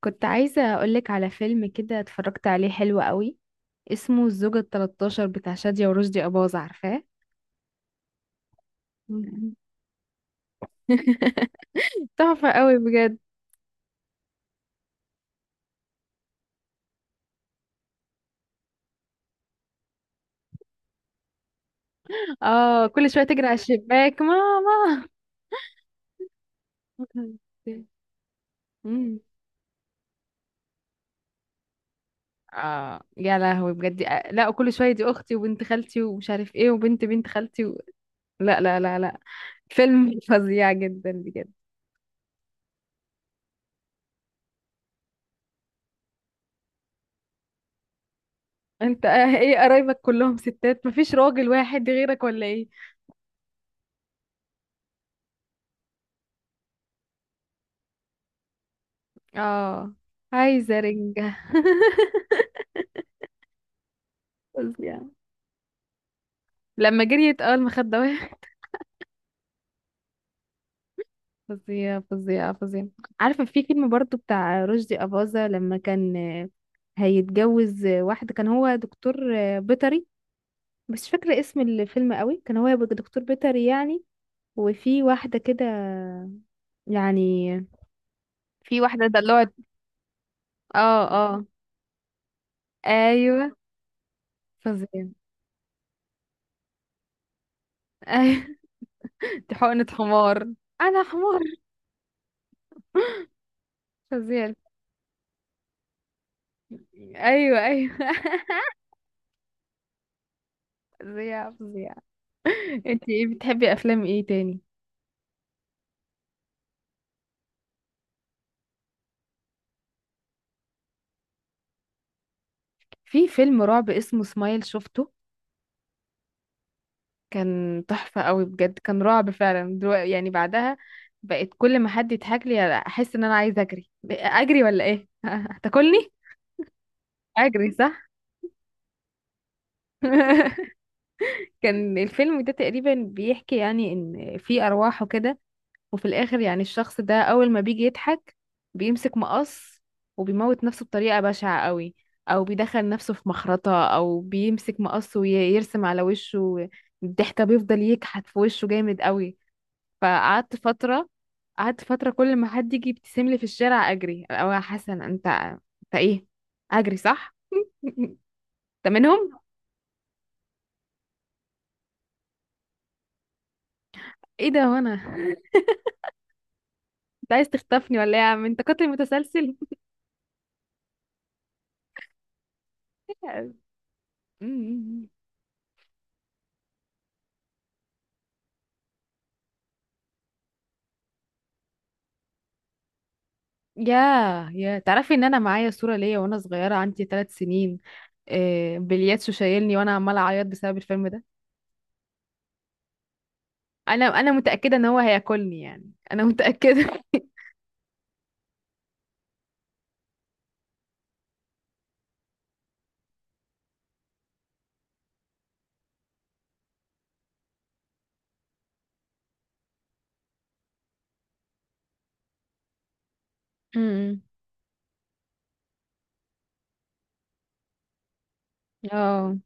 كنت عايزة أقولك على فيلم كده اتفرجت عليه حلو قوي. اسمه الزوجة التلتاشر بتاع شادية ورشدي أباظة، عارفاه؟ مم. تحفة قوي بجد. اه، كل شوية تجري على الشباك ماما. مم. اه يا لهوي بجد، لا، وكل شوية دي أختي وبنت خالتي ومش عارف ايه وبنت بنت خالتي و... لا لا لا لا، فيلم فظيع جدا بجد. انت ايه، قرايبك كلهم ستات مفيش راجل واحد غيرك ولا ايه؟ اه، عايزة رنجة. فظيع. لما جريت المخدة وقعت. فظيعة فظيعة فظيعة. عارفة في فيلم برضو بتاع رشدي أباظة، لما كان هيتجوز واحدة، كان هو دكتور بيطري. بس مش فاكرة اسم الفيلم قوي، كان هو يبقى دكتور بيطري يعني، وفي واحدة كده، يعني في واحدة دلوعت. اه اه. ايوه فظيع. ايوه. دي حقنة حمار. انا حمار. فظيع. ايوه ايوه. فظيع فظيع. انتي ايه، بتحبي افلام ايه تاني؟ في فيلم رعب اسمه سمايل، شفته؟ كان تحفة قوي بجد، كان رعب فعلا. دلوقتي يعني بعدها بقيت كل ما حد يضحك لي احس ان انا عايزة اجري، اجري ولا ايه؟ هتاكلني. اجري صح. كان الفيلم ده تقريبا بيحكي يعني ان في ارواح وكده، وفي الاخر يعني الشخص ده اول ما بيجي يضحك بيمسك مقص وبيموت نفسه بطريقة بشعة قوي، او بيدخل نفسه في مخرطة، او بيمسك مقص ويرسم على وشه الضحكة، بيفضل يكحت في وشه جامد قوي. فقعدت فترة، قعدت فترة كل ما حد يجي يبتسم لي في الشارع اجري، او يا حسن انت ايه، اجري صح. انت منهم. ايه ده؟ وانا انت عايز تخطفني ولا ايه يا عم، انت قاتل متسلسل؟ ياه، يا تعرفي ان انا معايا صورة ليا وانا صغيرة، عندي 3 سنين، بلياتشو شايلني وانا عمالة اعيط بسبب الفيلم ده. انا متأكدة ان هو هياكلني، يعني انا متأكدة. أمم. اه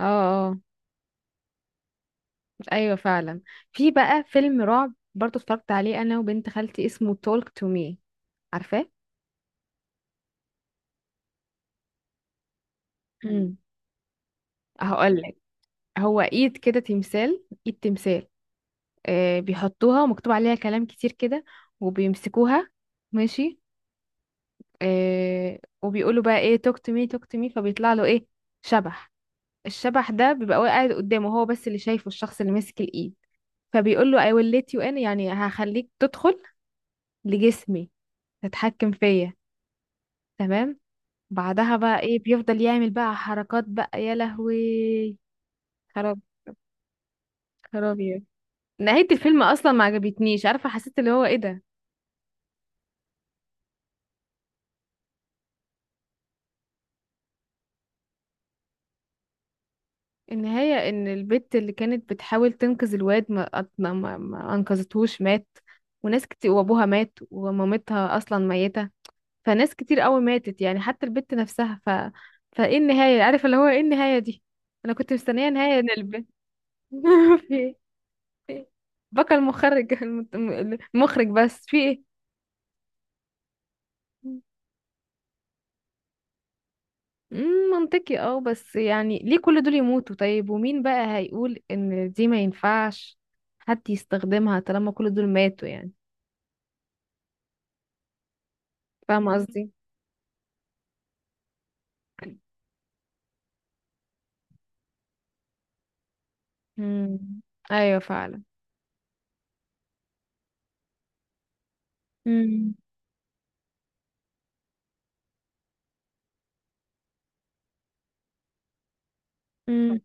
اه. اه ايوه فعلا. في بقى فيلم رعب برضو اتفرجت عليه انا وبنت خالتي، اسمه تولك تو مي، عارفاه؟ امم. هقول لك، هو ايد كده، تمثال ايد تمثال، آه، بيحطوها ومكتوب عليها كلام كتير كده وبيمسكوها، ماشي. آه، وبيقولوا بقى ايه، توك تو مي توك تو مي، فبيطلع له ايه، شبح. الشبح ده بيبقى واقع قاعد قدامه، هو بس اللي شايفه، الشخص اللي ماسك الايد، فبيقول له I will let you in، يعني هخليك تدخل لجسمي، تتحكم فيا، تمام. بعدها بقى ايه، بيفضل يعمل بقى حركات بقى يا لهوي. خراب، خراب يعني. نهاية الفيلم اصلا ما عجبتنيش، عارفة، حسيت اللي هو ايه ده. النهاية ان البت اللي كانت بتحاول تنقذ الواد ما, أت- ما, ما ما انقذتهوش، مات، وناس كتير، وابوها مات، ومامتها اصلا ميتة، فناس كتير قوي ماتت يعني، حتى البت نفسها، ف فايه النهاية، عارف اللي هو ايه النهاية دي، انا كنت مستنية نهاية ان البت... في ايه؟ بكى المخرج المت- المخرج بس في ايه. مم، منطقي اه، بس يعني ليه كل دول يموتوا طيب، ومين بقى هيقول ان دي ما ينفعش حد يستخدمها طالما كل دول ماتوا يعني، فاهمة قصدي؟ مم. ايوه فعلا. مم. مم.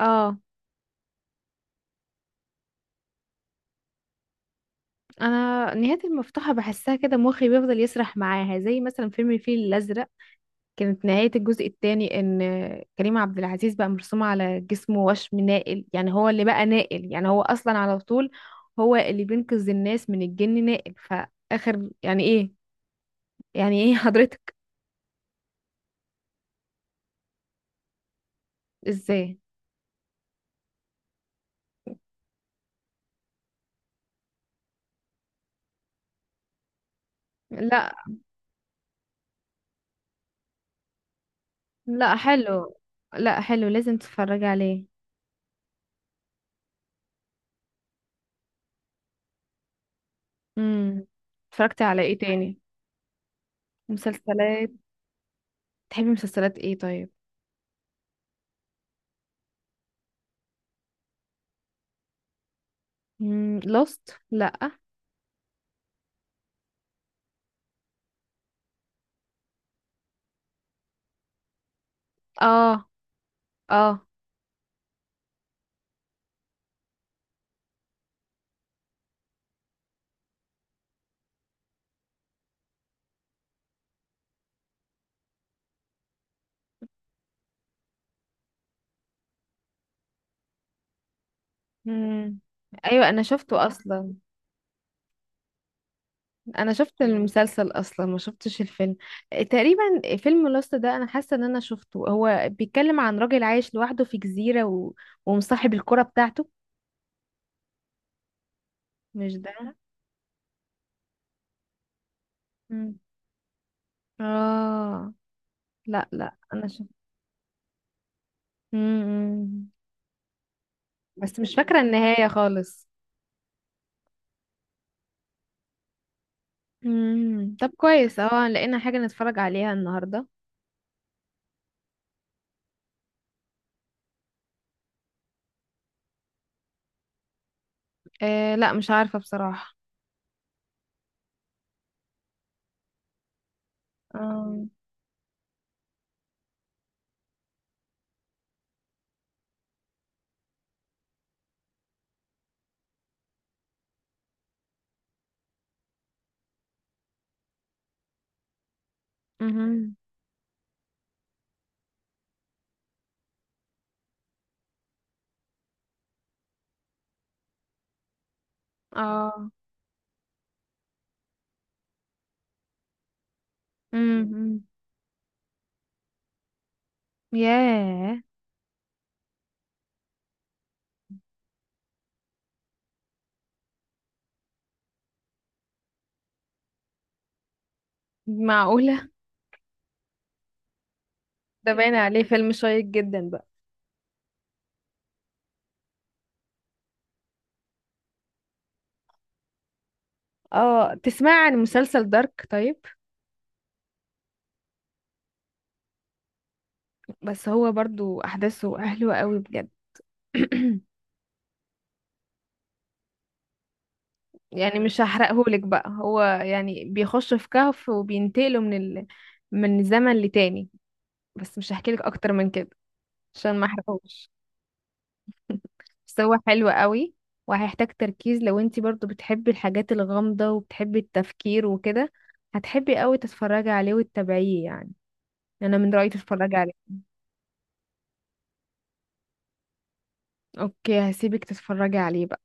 اه، انا نهاية المفتوحة بحسها كده مخي بيفضل يسرح معاها، زي مثلا فيلم الفيل الازرق، كانت نهاية الجزء الثاني ان كريم عبد العزيز بقى مرسوم على جسمه وشم نائل، يعني هو اللي بقى نائل، يعني هو اصلا على طول هو اللي بينقذ الناس من الجن، نائل فاخر، يعني ايه؟ يعني ايه حضرتك؟ ازاي؟ لا لا حلو، لا حلو لازم تتفرجي عليه. امم. اتفرجتي على ايه تاني؟ مسلسلات. تحبي مسلسلات ايه طيب؟ لوست؟ لا. اه اه. مم. ايوه انا شفته اصلا، انا شفت المسلسل اصلا، ما شفتش الفيلم. تقريبا فيلم لوست ده انا حاسه ان انا شفته، هو بيتكلم عن راجل عايش لوحده في جزيره و... ومصاحب الكره بتاعته. مش ده؟ مم. اه لا لا انا شفت. مم. بس مش فاكره النهايه خالص. مم، طب كويس، اه لقينا حاجه نتفرج عليها النهارده. آه لا مش عارفة بصراحة. آه. امم. اه. امم. ياه. معقولة؟ ده باين عليه فيلم شيق جدا بقى. اه، تسمع عن مسلسل دارك طيب؟ بس هو برضو احداثه حلوة قوي بجد. يعني مش هحرقهولك بقى، هو يعني بيخش في كهف وبينتقلوا من ال... من زمن لتاني، بس مش هحكيلك اكتر من كده عشان ما احرقهوش. بس هو حلو قوي، وهيحتاج تركيز. لو انتي برضو بتحبي الحاجات الغامضة وبتحبي التفكير وكده هتحبي قوي تتفرجي عليه وتتابعيه يعني. انا من رأيي تتفرجي عليه. اوكي هسيبك تتفرجي عليه بقى.